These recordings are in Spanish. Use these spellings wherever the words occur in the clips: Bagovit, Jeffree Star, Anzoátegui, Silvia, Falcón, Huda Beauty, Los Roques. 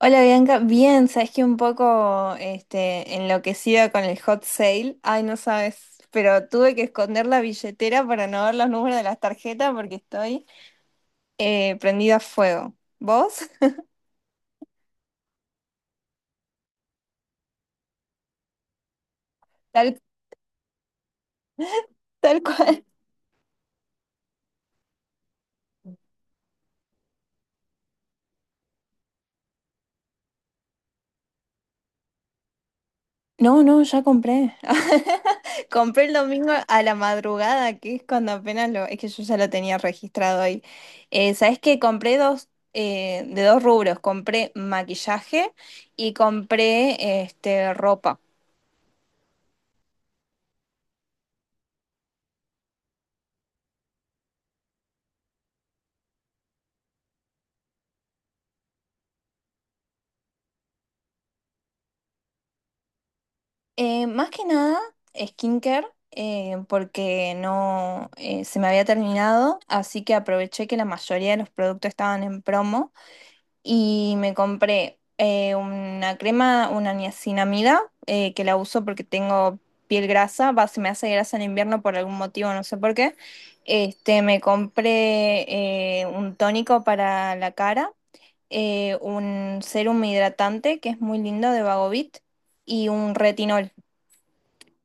Hola Bianca, bien, sabes que un poco enloquecida con el hot sale. Ay, no sabes, pero tuve que esconder la billetera para no ver los números de las tarjetas porque estoy prendida a fuego. ¿Vos? Tal, tal cual. No, no, ya compré. Compré el domingo a la madrugada, que es cuando apenas lo... Es que yo ya lo tenía registrado ahí. ¿Sabes qué? Compré dos, de dos rubros. Compré maquillaje y compré ropa. Más que nada, skincare, porque no se me había terminado, así que aproveché que la mayoría de los productos estaban en promo y me compré una crema, una niacinamida, que la uso porque tengo piel grasa, va, se me hace grasa en invierno por algún motivo, no sé por qué. Me compré un tónico para la cara, un serum hidratante que es muy lindo de Bagovit y un retinol.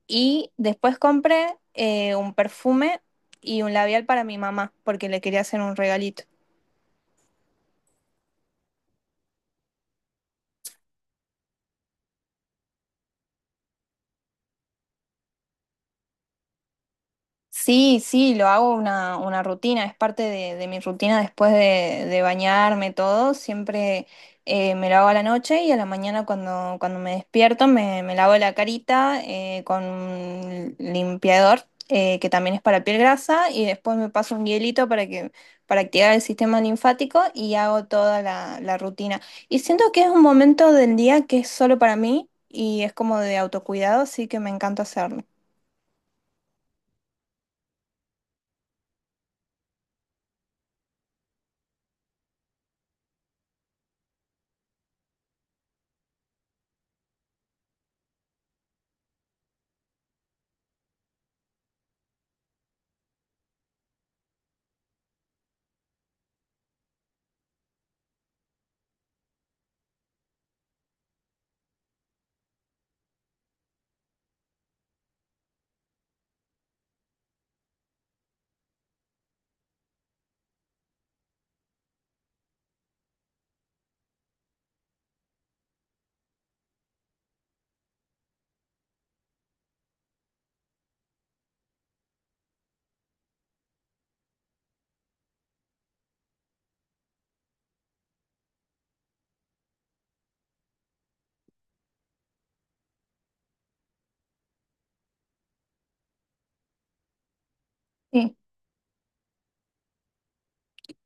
Y después compré un perfume y un labial para mi mamá, porque le quería hacer un regalito. Sí, sí, lo hago una rutina, es parte de mi rutina después de bañarme todo, siempre me lo hago a la noche y a la mañana cuando, cuando me despierto me lavo la carita con un limpiador que también es para piel grasa y después me paso un hielito para que, para activar el sistema linfático y hago toda la rutina. Y siento que es un momento del día que es solo para mí y es como de autocuidado, así que me encanta hacerlo.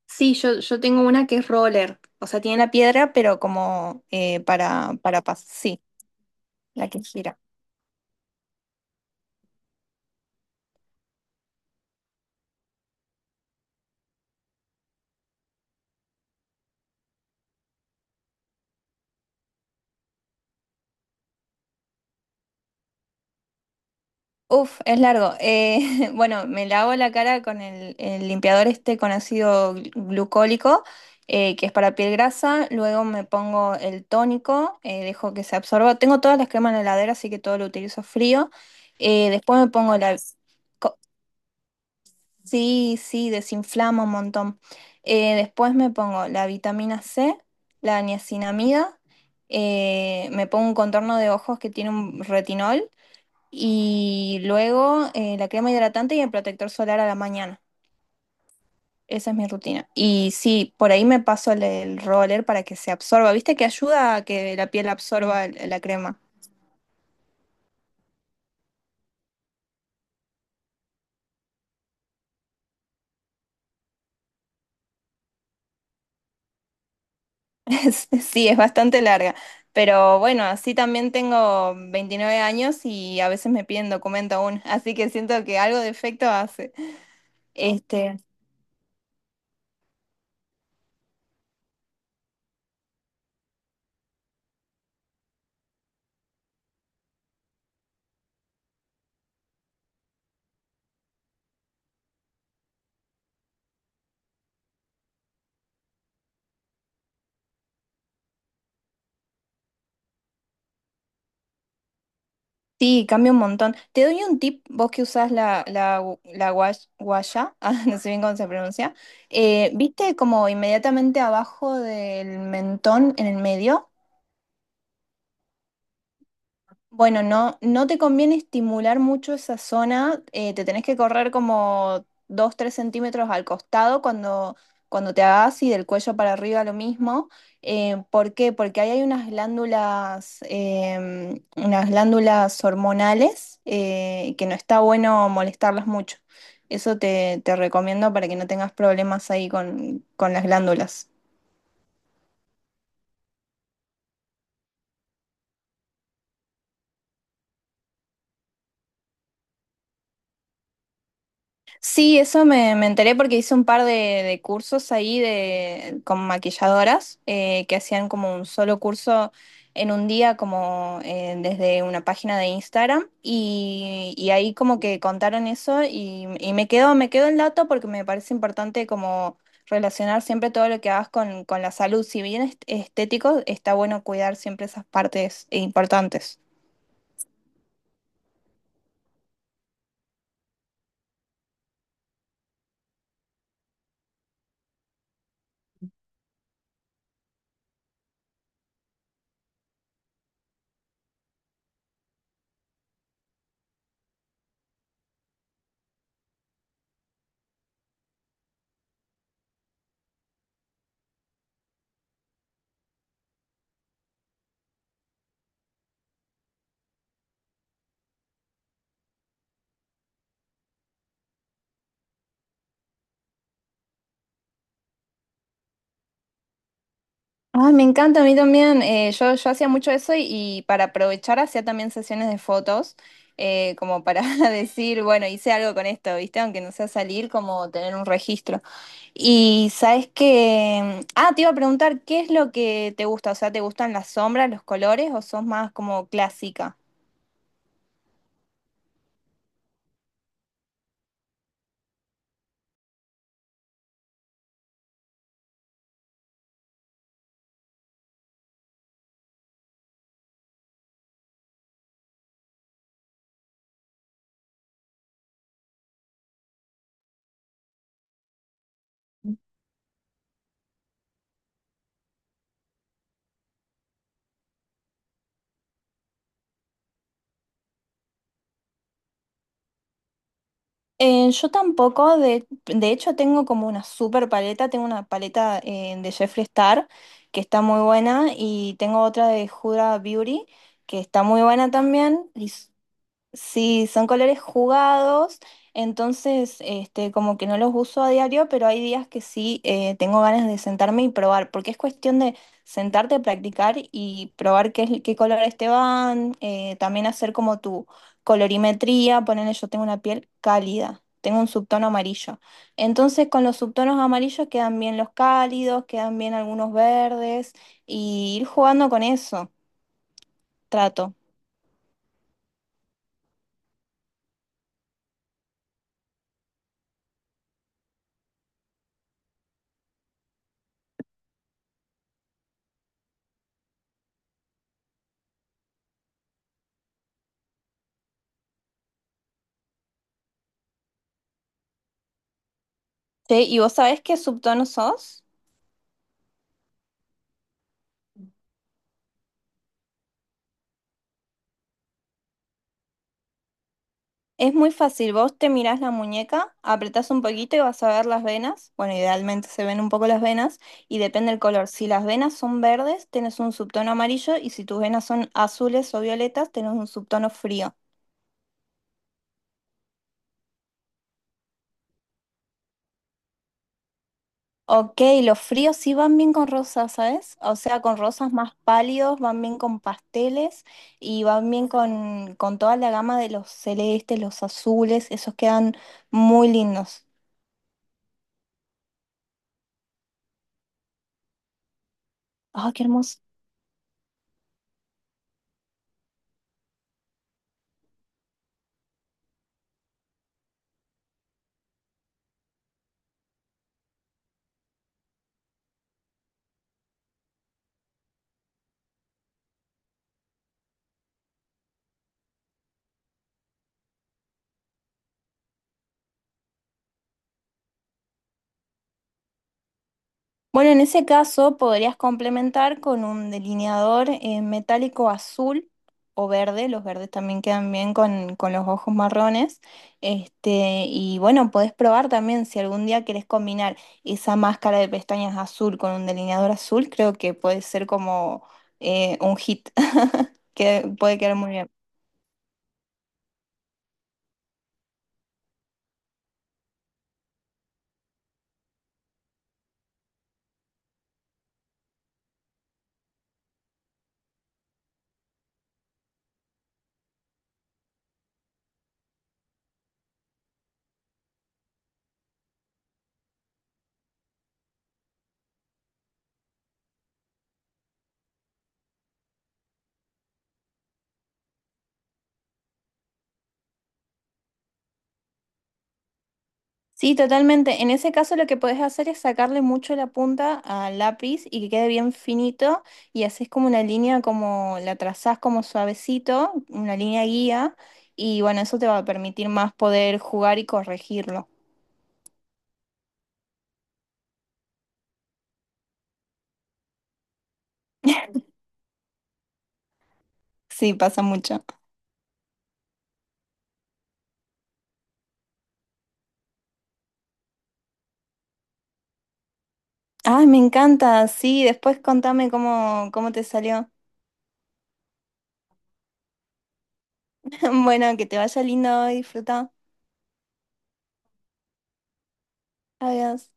Sí, yo tengo una que es roller, o sea, tiene la piedra, pero como para sí, la que gira. Uf, es largo. Bueno, me lavo la cara con el limpiador este con ácido glucólico, que es para piel grasa, luego me pongo el tónico, dejo que se absorba. Tengo todas las cremas en la heladera, así que todo lo utilizo frío. Después me pongo la... Sí, sí, desinflama un montón. Después me pongo la vitamina C, la niacinamida, me pongo un contorno de ojos que tiene un retinol y luego la crema hidratante y el protector solar a la mañana. Esa es mi rutina. Y sí, por ahí me paso el roller para que se absorba. ¿Viste que ayuda a que la piel absorba la crema? Sí, es bastante larga, pero bueno, así también tengo 29 años y a veces me piden documento aún, así que siento que algo de efecto hace. Este, sí, cambia un montón. Te doy un tip, vos que usás la guaya, ah, no sé bien cómo se pronuncia, ¿viste como inmediatamente abajo del mentón, en el medio? Bueno, no, no te conviene estimular mucho esa zona, te tenés que correr como dos, tres centímetros al costado cuando, cuando te hagas y del cuello para arriba lo mismo. ¿Por qué? Porque ahí hay unas glándulas, unas glándulas hormonales que no está bueno molestarlas mucho. Eso te recomiendo para que no tengas problemas ahí con las glándulas. Sí, eso me enteré porque hice un par de cursos ahí de, con maquilladoras que hacían como un solo curso en un día como desde una página de Instagram y ahí como que contaron eso y me quedó el dato porque me parece importante como relacionar siempre todo lo que hagas con la salud. Si bien estético, está bueno cuidar siempre esas partes importantes. Ay, me encanta, a mí también. Yo hacía mucho eso y para aprovechar hacía también sesiones de fotos, como para decir, bueno, hice algo con esto, ¿viste? Aunque no sea salir, como tener un registro. Y sabes que, ah, te iba a preguntar, ¿qué es lo que te gusta? O sea, ¿te gustan las sombras, los colores o sos más como clásica? Yo tampoco, de hecho tengo como una super paleta, tengo una paleta de Jeffree Star que está muy buena y tengo otra de Huda Beauty que está muy buena también. Sí, son colores jugados, entonces como que no los uso a diario, pero hay días que sí tengo ganas de sentarme y probar, porque es cuestión de sentarte, practicar y probar qué, qué colores te van, también hacer como tu colorimetría, ponerle yo tengo una piel cálida, tengo un subtono amarillo. Entonces con los subtonos amarillos quedan bien los cálidos, quedan bien algunos verdes, y ir jugando con eso, trato. ¿Sí? ¿Y vos sabés qué subtono sos? Es muy fácil, vos te mirás la muñeca, apretás un poquito y vas a ver las venas. Bueno, idealmente se ven un poco las venas y depende del color. Si las venas son verdes, tenés un subtono amarillo y si tus venas son azules o violetas, tenés un subtono frío. Ok, los fríos sí van bien con rosas, ¿sabes? O sea, con rosas más pálidos, van bien con pasteles y van bien con toda la gama de los celestes, los azules, esos quedan muy lindos. ¡Ah, qué hermoso! Bueno, en ese caso podrías complementar con un delineador metálico azul o verde, los verdes también quedan bien con los ojos marrones. Y bueno, podés probar también si algún día querés combinar esa máscara de pestañas azul con un delineador azul, creo que puede ser como un hit, que puede quedar muy bien. Sí, totalmente. En ese caso lo que podés hacer es sacarle mucho la punta al lápiz y que quede bien finito y haces como una línea como la trazás como suavecito, una línea guía y bueno, eso te va a permitir más poder jugar y corregirlo. Sí, pasa mucho. Ay, me encanta. Sí, después contame cómo, cómo te salió. Bueno, que te vaya lindo y disfruta. Adiós.